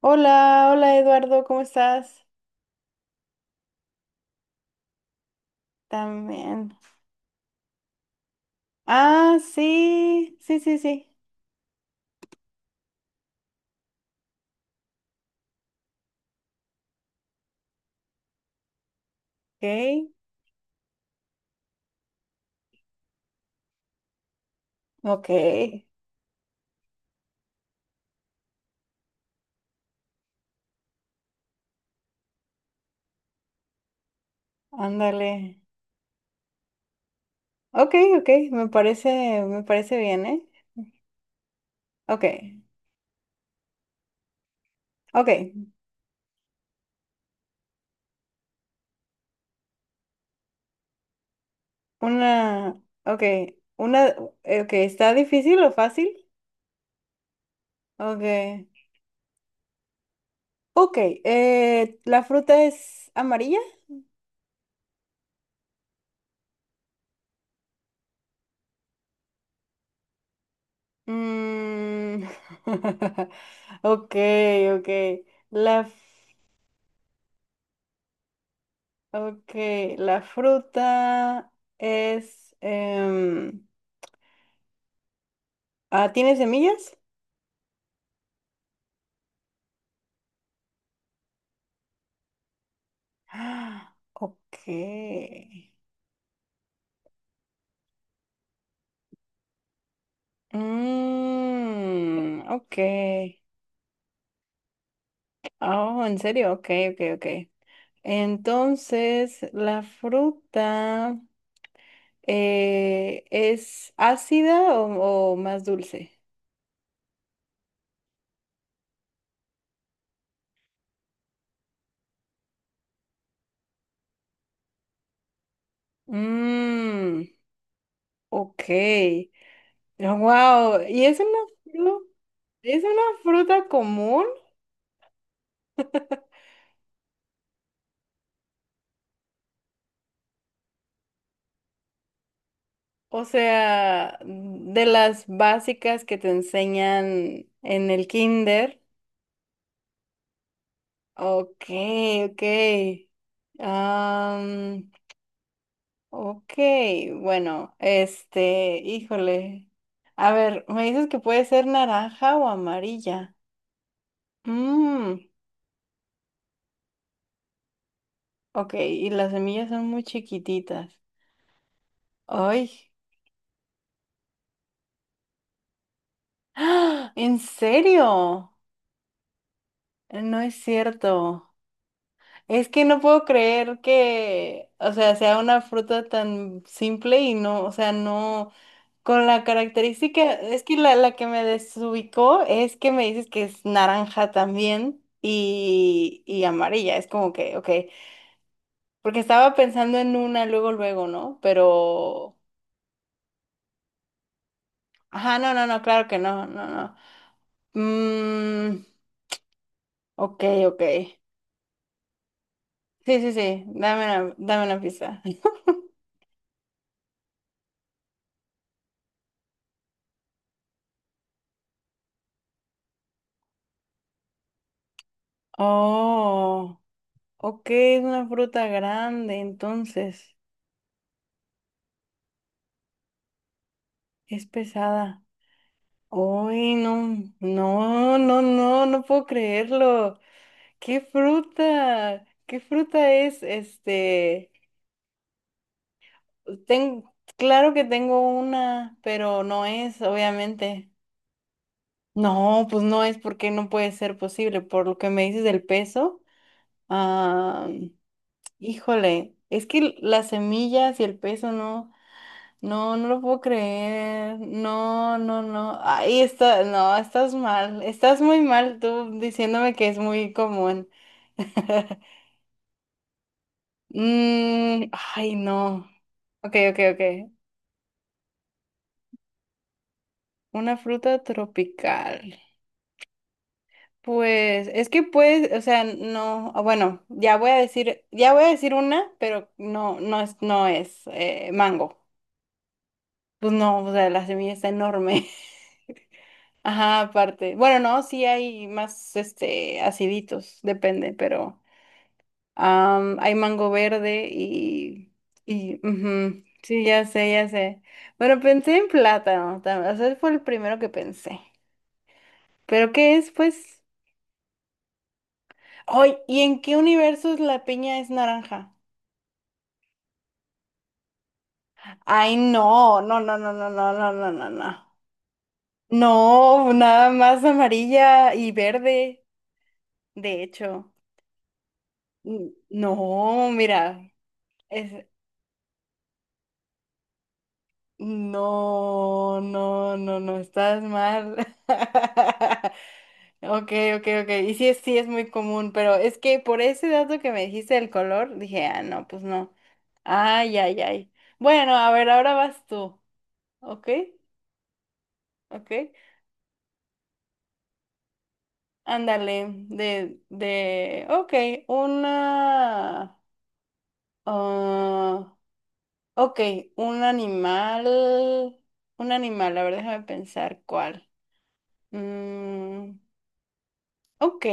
Hola, hola Eduardo, ¿cómo estás? También. Ah, sí, sí, sí, sí. Ok, ok, ándale. Ok, ok, me parece bien, Ok, ok, una, ok, una, ok, ¿está difícil o fácil? Ok, ok, ¿la fruta es amarilla? Mm, ok, ok, la Ok, la fruta es... ¿tiene semillas? Ah, ok. Mm, ok. Oh, ¿en serio? Ok, ok, ok. ¿Entonces, la fruta es ácida o, más dulce? Mmm, ok. Wow, fru- ¿es una fruta común? O sea, de las básicas que te enseñan en el kinder. Ok, ok. Am, ok, bueno, este, híjole. A ver, me dices que puede ser naranja o amarilla. Mm, ok, y las semillas son muy chiquititas. ¡Ay! ¡Ah! ¿En serio? No es cierto. Es que no puedo creer que, o sea, sea una fruta tan simple y no, o sea, no, con la característica, es que la que me desubicó es que me dices que es naranja también y amarilla, es como que, ok, porque estaba pensando en una luego, luego, ¿no? Pero, ajá, no, no, no, claro que no, no, no. Mm, ok, ok. Sí, sí, sí, dame una pista. Oh. Ok, es una fruta grande, entonces es pesada. Uy, no, no, no, no, no puedo creerlo. ¿Qué fruta? ¿Qué fruta es? Ten- claro que tengo una, pero no es, obviamente. No, pues no es porque no puede ser posible. Por lo que me dices del peso, ah, híjole, es que las semillas y el peso no. No, no lo puedo creer. No, no, no. Ahí está, no, estás mal. Estás muy mal tú diciéndome que es muy común. Mm, ay, no. Ok, ok, ok. Una fruta tropical. Pues es que puedes, o sea, no, ah, bueno, ya voy a decir, ya voy a decir una, pero no, no es, no es mango. Pues no, o sea, la semilla está enorme. Ajá, aparte. Bueno, no, sí hay más, este, aciditos, depende, pero hay mango verde y ujú, sí, ya sé, ya sé. Bueno, pensé en plátano, tam- o sea, fue el primero que pensé. ¿Pero qué es, pues? Ay, ¿y en qué universos la piña es naranja? Ay, no, no, no, no, no, no, no, no, no, no. No, nada más amarilla y verde, de hecho. No, mira. No, no, no, no, estás mal. Ok, ok, ok. Y sí, sí es muy común, pero es que por ese dato que me dijiste del color, dije, ah, no, pues no. Ay, ay, ay. Bueno, a ver, ahora vas tú. Ok, ok. Ándale, ok, una, ah, ok, un animal, un animal, a ver, déjame pensar cuál. Mm, ok.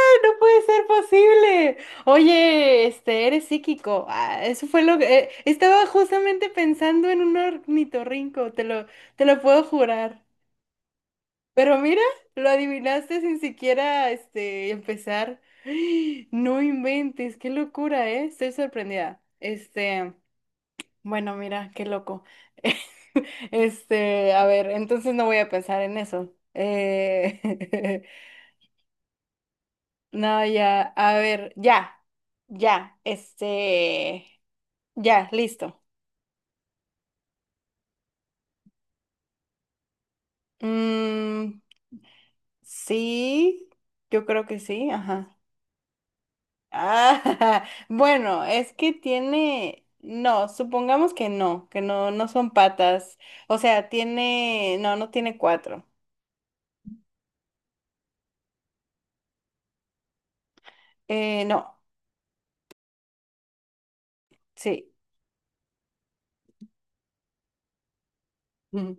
No puede ser posible. Oye, este, eres psíquico. Ah, eso fue lo que estaba justamente pensando en un ornitorrinco, te lo puedo jurar. Pero mira, lo adivinaste sin siquiera este empezar. No inventes, qué locura, ¿eh? Estoy sorprendida. Este, bueno, mira, qué loco. Este, a ver, entonces no voy a pensar en eso. No, ya, a ver, ya, este, ya, listo. Mm, sí, yo creo que sí, ajá. Ah, bueno, es que tiene, no, supongamos que no, no son patas. O sea, tiene, no, no tiene cuatro. No, sí. Ujú.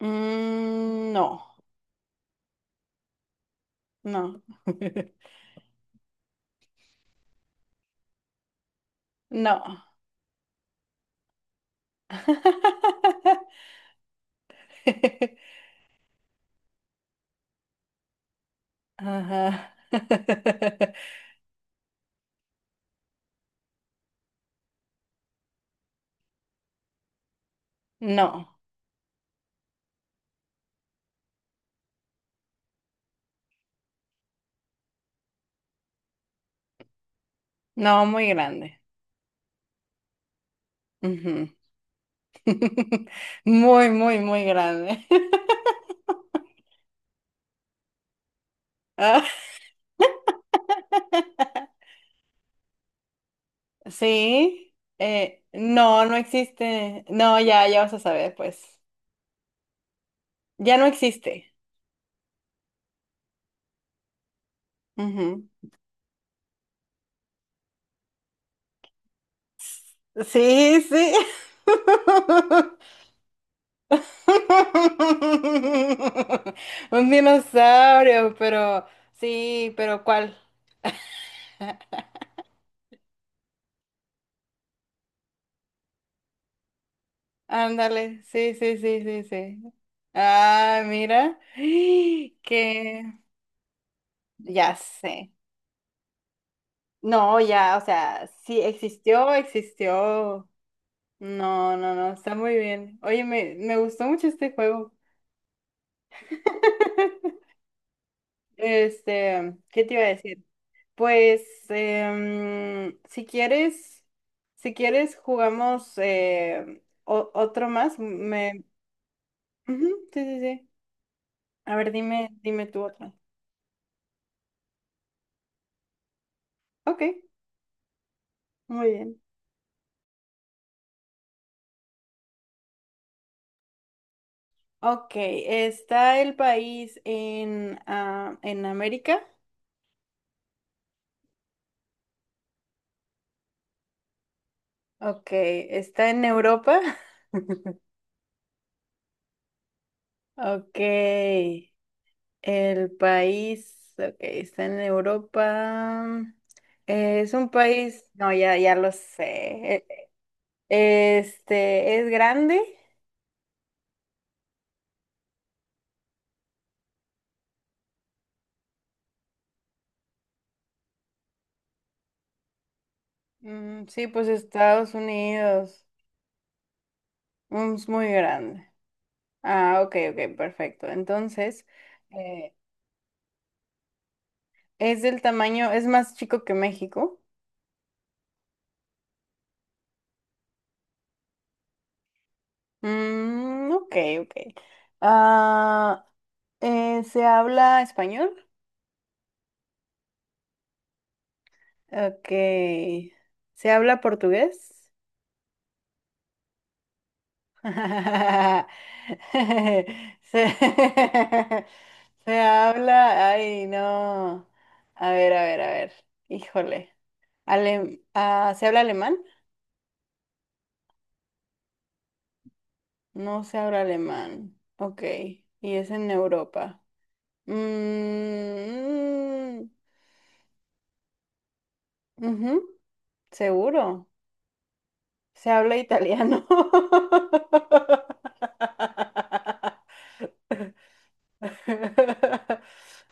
Mm, no, no. Ajá. No, no, muy grande. Ujú. Muy, muy, muy grande. Ah, sí, no, no existe. No, ya, ya vas a saber, pues. Ya no existe. Ujú. Sí, sí. Un dinosaurio, pero sí, pero ¿cuál? Ándale, sí, sí, sí, sí, sí. Ah, mira, que ya sé. No, ya, o sea, sí existió, existió. No, no, no, está muy bien. Oye, me gustó mucho este juego. Este, ¿qué te iba a decir? Pues, si quieres, si quieres, jugamos otro más. Me... Ujú, sí, sí, sí. A ver, dime, dime tú otro. Ok, muy bien. Ok, ¿está el país en América? Ok, ¿está en Europa? Ok, el país, ok, está en Europa. Es un país, no, ya, ya lo sé. E- Este, ¿es grande? Mm, sí, pues Estados Unidos mm, es muy grande. Ah, ok, ok, perfecto. Entonces, eh, ¿es más chico que México? Mm, ok, ok. Ah, ¿Se habla español? Ok. ¿Se habla portugués? Se, se habla... Ay, no. A ver, a ver, a ver. Híjole. ¿Se habla alemán? No se habla alemán. Ok. Y es en Europa. Mm, ujú, seguro. Se habla italiano.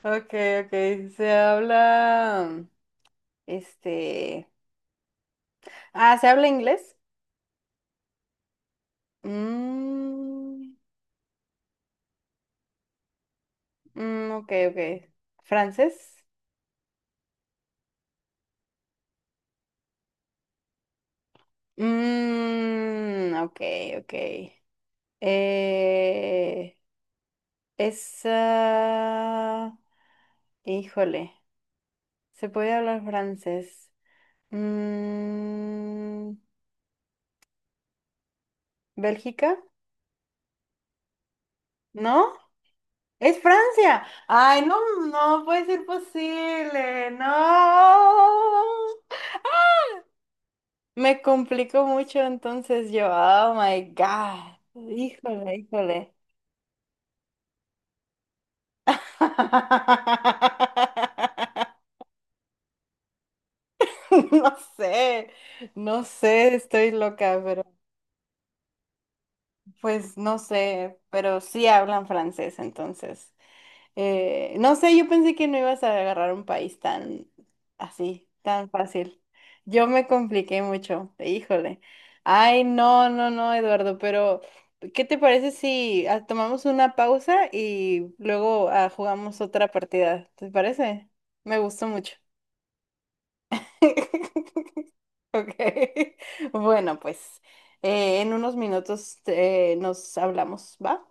Ok, ok. Se habla, este, ¿Se habla inglés? Mm, mm, ok, ok. ¿Francés? Mm, ok, ok. Eh, es, ah, híjole, ¿se puede hablar francés? Mm, ¿Bélgica? ¿No? ¡Es Francia! ¡Ay, no, no puede ser posible! ¡No! Me complicó mucho entonces yo. ¡Oh, my God! ¡Híjole, híjole! No sé, no sé, estoy loca, pero pues no sé, pero sí hablan francés entonces. No sé, yo pensé que no ibas a agarrar un país tan así, tan fácil. Yo me compliqué mucho, híjole. Ay, no, no, no, Eduardo, pero ¿qué te parece si tomamos una pausa y luego jugamos otra partida? ¿Te parece? Me gustó mucho. Ok. Bueno, pues en unos minutos nos hablamos, ¿va?